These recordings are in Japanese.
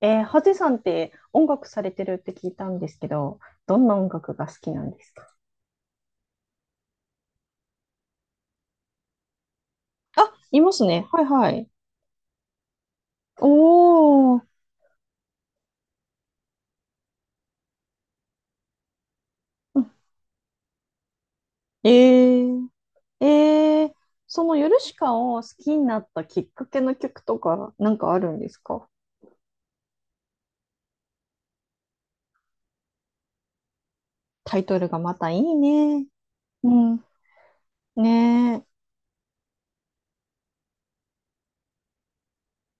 ハゼさんって音楽されてるって聞いたんですけど、どんな音楽が好きなんですか？あ、いますね。はいはい。おー。うん。えー、えー、そのヨルシカを好きになったきっかけの曲とかなんかあるんですか？タイトルがまたいいね。うん。ねえ。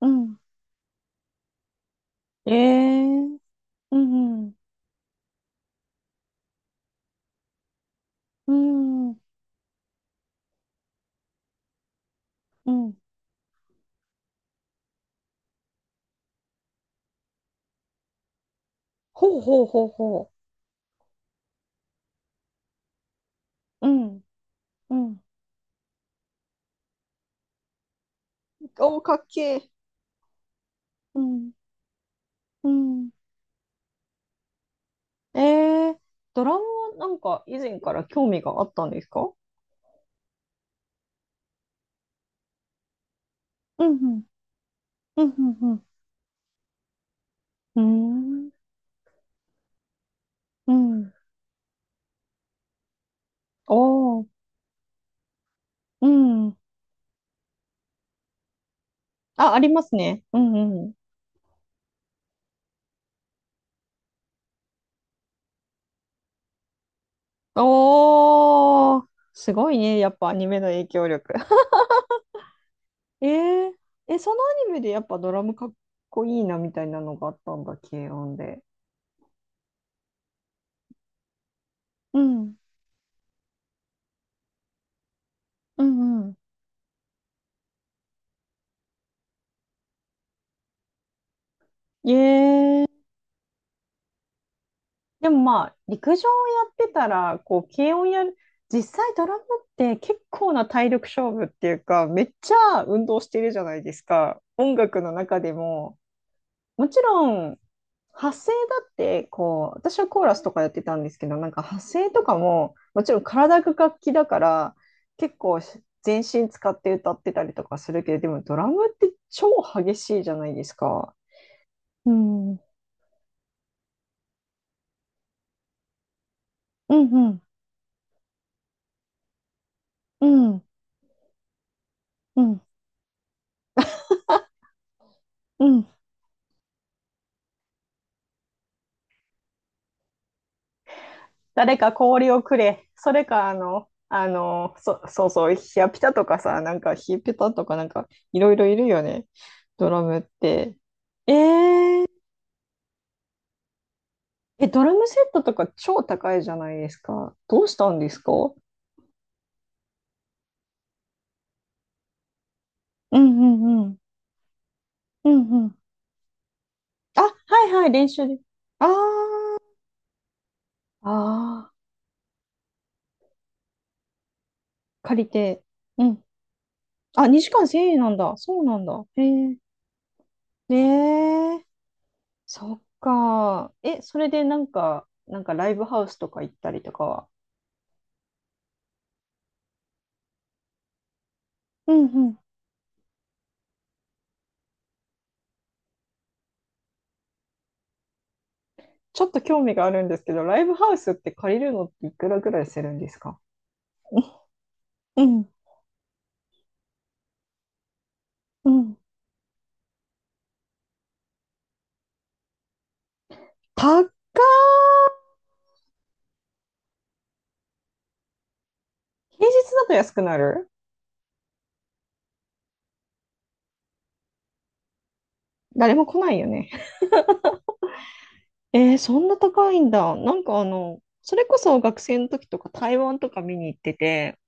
うん。えー。うん、うん、うん、うん。ほうほうほうほう。うん、うん。おー、かっけえ。うん、うん。ええー。ドラムはなんか以前から興味があったんですか？うんうん。うんうんうんうーん。うん。おー。うん。あ、ありますね。うんうん。おー。すごいね。やっぱアニメの影響力。えー、そのアニメでやっぱドラムかっこいいなみたいなのがあったんだ、軽音で。うんうん。うんうん。ええ。でもまあ、陸上をやってたら、こう、軽音やる、実際ドラムって結構な体力勝負っていうか、めっちゃ運動してるじゃないですか。音楽の中でも。もちろん、発声だって、こう、私はコーラスとかやってたんですけど、なんか発声とかも、もちろん体が楽器だから、結構全身使って歌ってたりとかするけど、でもドラムって超激しいじゃないですか。うん、うん、うん、うん、うん、うん。誰か氷をくれ。それか、そうそう、ヒヤピタとかさ、なんかヒヤピタとかなんかいろいろいるよね。ドラムって。えー、ドラムセットとか超高いじゃないですか。どうしたんですか？うんうんうん。うんうん。あ、はいはい、練習で。あー、あー、借りて。うん。あ、2時間1000円なんだ。そうなんだ。へえー、ねえ。そっか。え、それでなんか、なんかライブハウスとか行ったりとかは、うんうん。ちょっと興味があるんですけど、ライブハウスって借りるのっていくらぐらいするんですか？うんうん。高ー。平日だと安くなる？誰も来ないよね。えー、そんな高いんだ。なんかあの、それこそ学生の時とか台湾とか見に行ってて、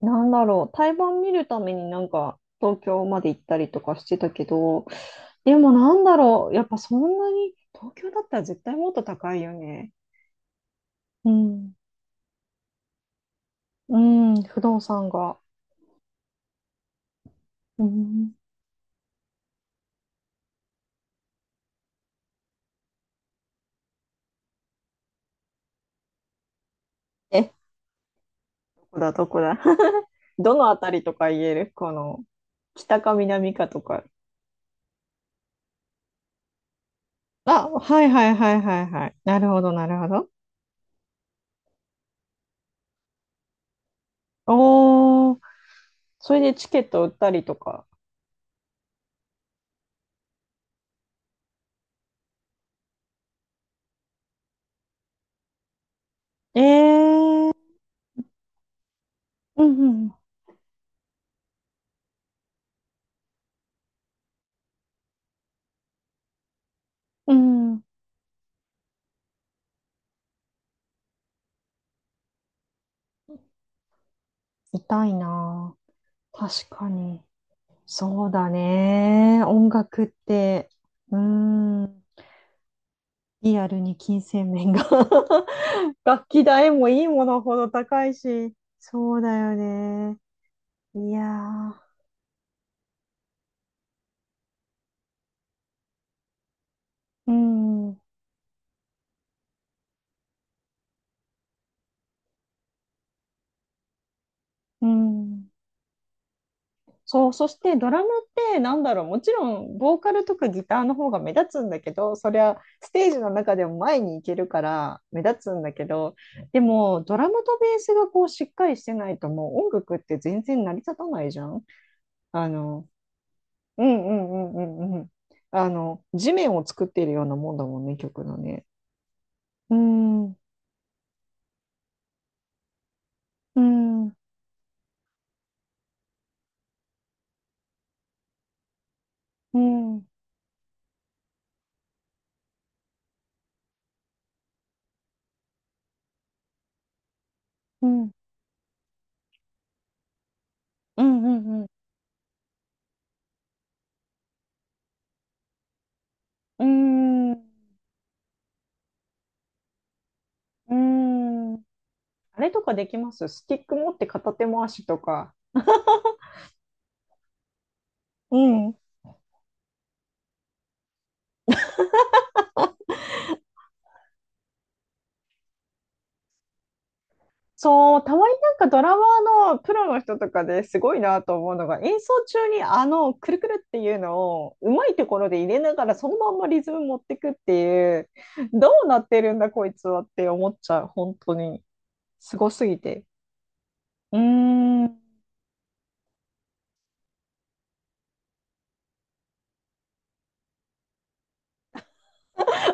なんだろう、対バン見るためになんか東京まで行ったりとかしてたけど、でもなんだろう、やっぱそんなに、東京だったら絶対もっと高いよね。うん。うん、不動産が。うん。え、どこだ、どこだ。どのあたりとか言えるこの、北か南かとか。あ、はいはいはいはいはい。なるほど、なるほど。おー、それでチケット売ったりとか。えー、うんうんうん、うん、痛いなぁ。確かに。そうだね。音楽って、うーん、リアルに金銭面が 楽器代もいいものほど高いし、そうだよね。いやー、うん、うん。そう、そしてドラムって、なんだろう、もちろんボーカルとかギターの方が目立つんだけど、そりゃステージの中でも前に行けるから目立つんだけど、でもドラムとベースがこうしっかりしてないともう音楽って全然成り立たないじゃん。あの、うんうんうんうんうん。あの、地面を作っているようなもんだもんね、曲のね。うん、うん、うん、うん、うん、うん、うん、うん、うん。あれとかできます？スティック持って片手回しとか。うん。そう、たまになんかドラマーのプロの人とかですごいなと思うのが、演奏中にあのくるくるっていうのをうまいところで入れながらそのまんまリズム持ってくっていう、どうなってるんだこいつはって思っちゃう、本当に。すごすぎて。うーん。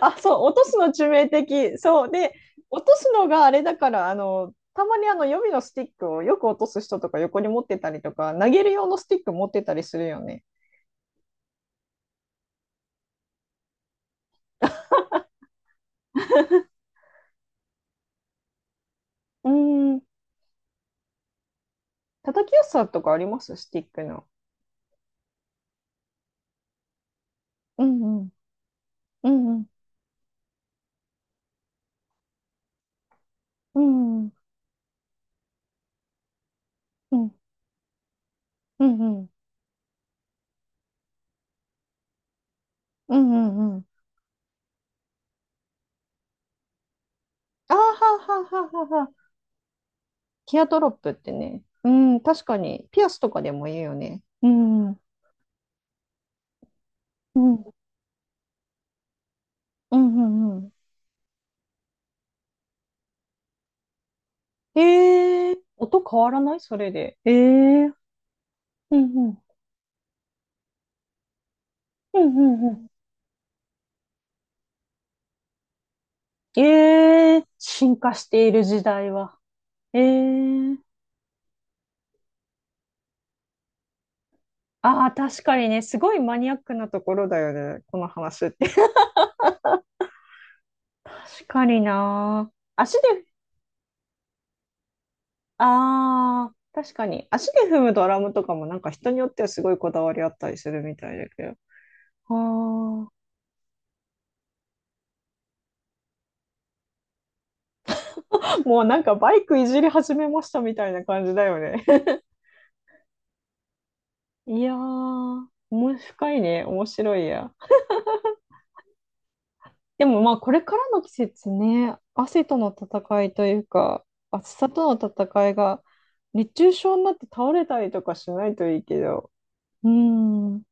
あ、そう、落とすの致命的。そう。で、落とすのがあれだから、あの、たまにあの予備のスティックをよく落とす人とか横に持ってたりとか、投げる用のスティック持ってたりするよね。うーん。叩きやすさとかあります？スティックの。うんうん。うんうん。うんうん。うんうん。うんうんうん。あーはーはーはーはーはー。ティアドロップってね。うん、確かに。ピアスとかでも言うよね。うん。うん。うんうんうん。えー、音変わらない？それで。えー、うんうん。うんうんうん。ええ進化している時代は。ええ。ああ、確かにね、すごいマニアックなところだよね、この話って。確かにな。足で、ああ、確かに。足で踏むドラムとかもなんか人によってはすごいこだわりあったりするみたいだけど。ああ、もうなんかバイクいじり始めましたみたいな感じだよね。いやー、面白いね、面白いや。でもまあこれからの季節ね、汗との戦いというか、暑さとの戦いが熱中症になって倒れたりとかしないといいけど、うん、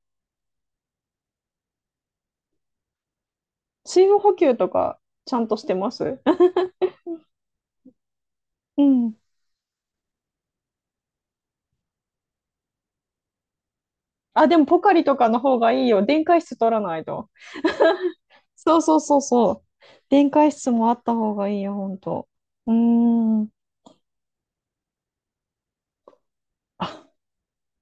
水分補給とかちゃんとしてます？ うん。あ、でもポカリとかの方がいいよ。電解質取らないと。そうそうそうそう。電解質もあった方がいいよ、ほんと。うーん。あ、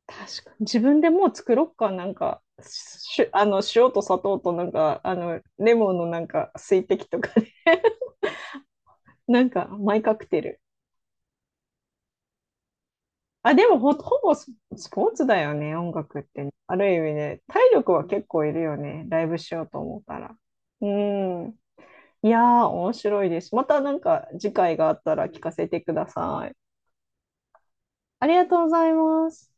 確かに。自分でもう作ろっか、なんか、し、あの、塩と砂糖となんか、あの、レモンのなんか、水滴とかで なんか、マイカクテル。あ、でも、ほぼスポーツだよね、音楽ってね。ある意味ね、体力は結構いるよね、ライブしようと思ったら。うん。いやー、面白いです。またなんか、次回があったら聞かせてください。ありがとうございます。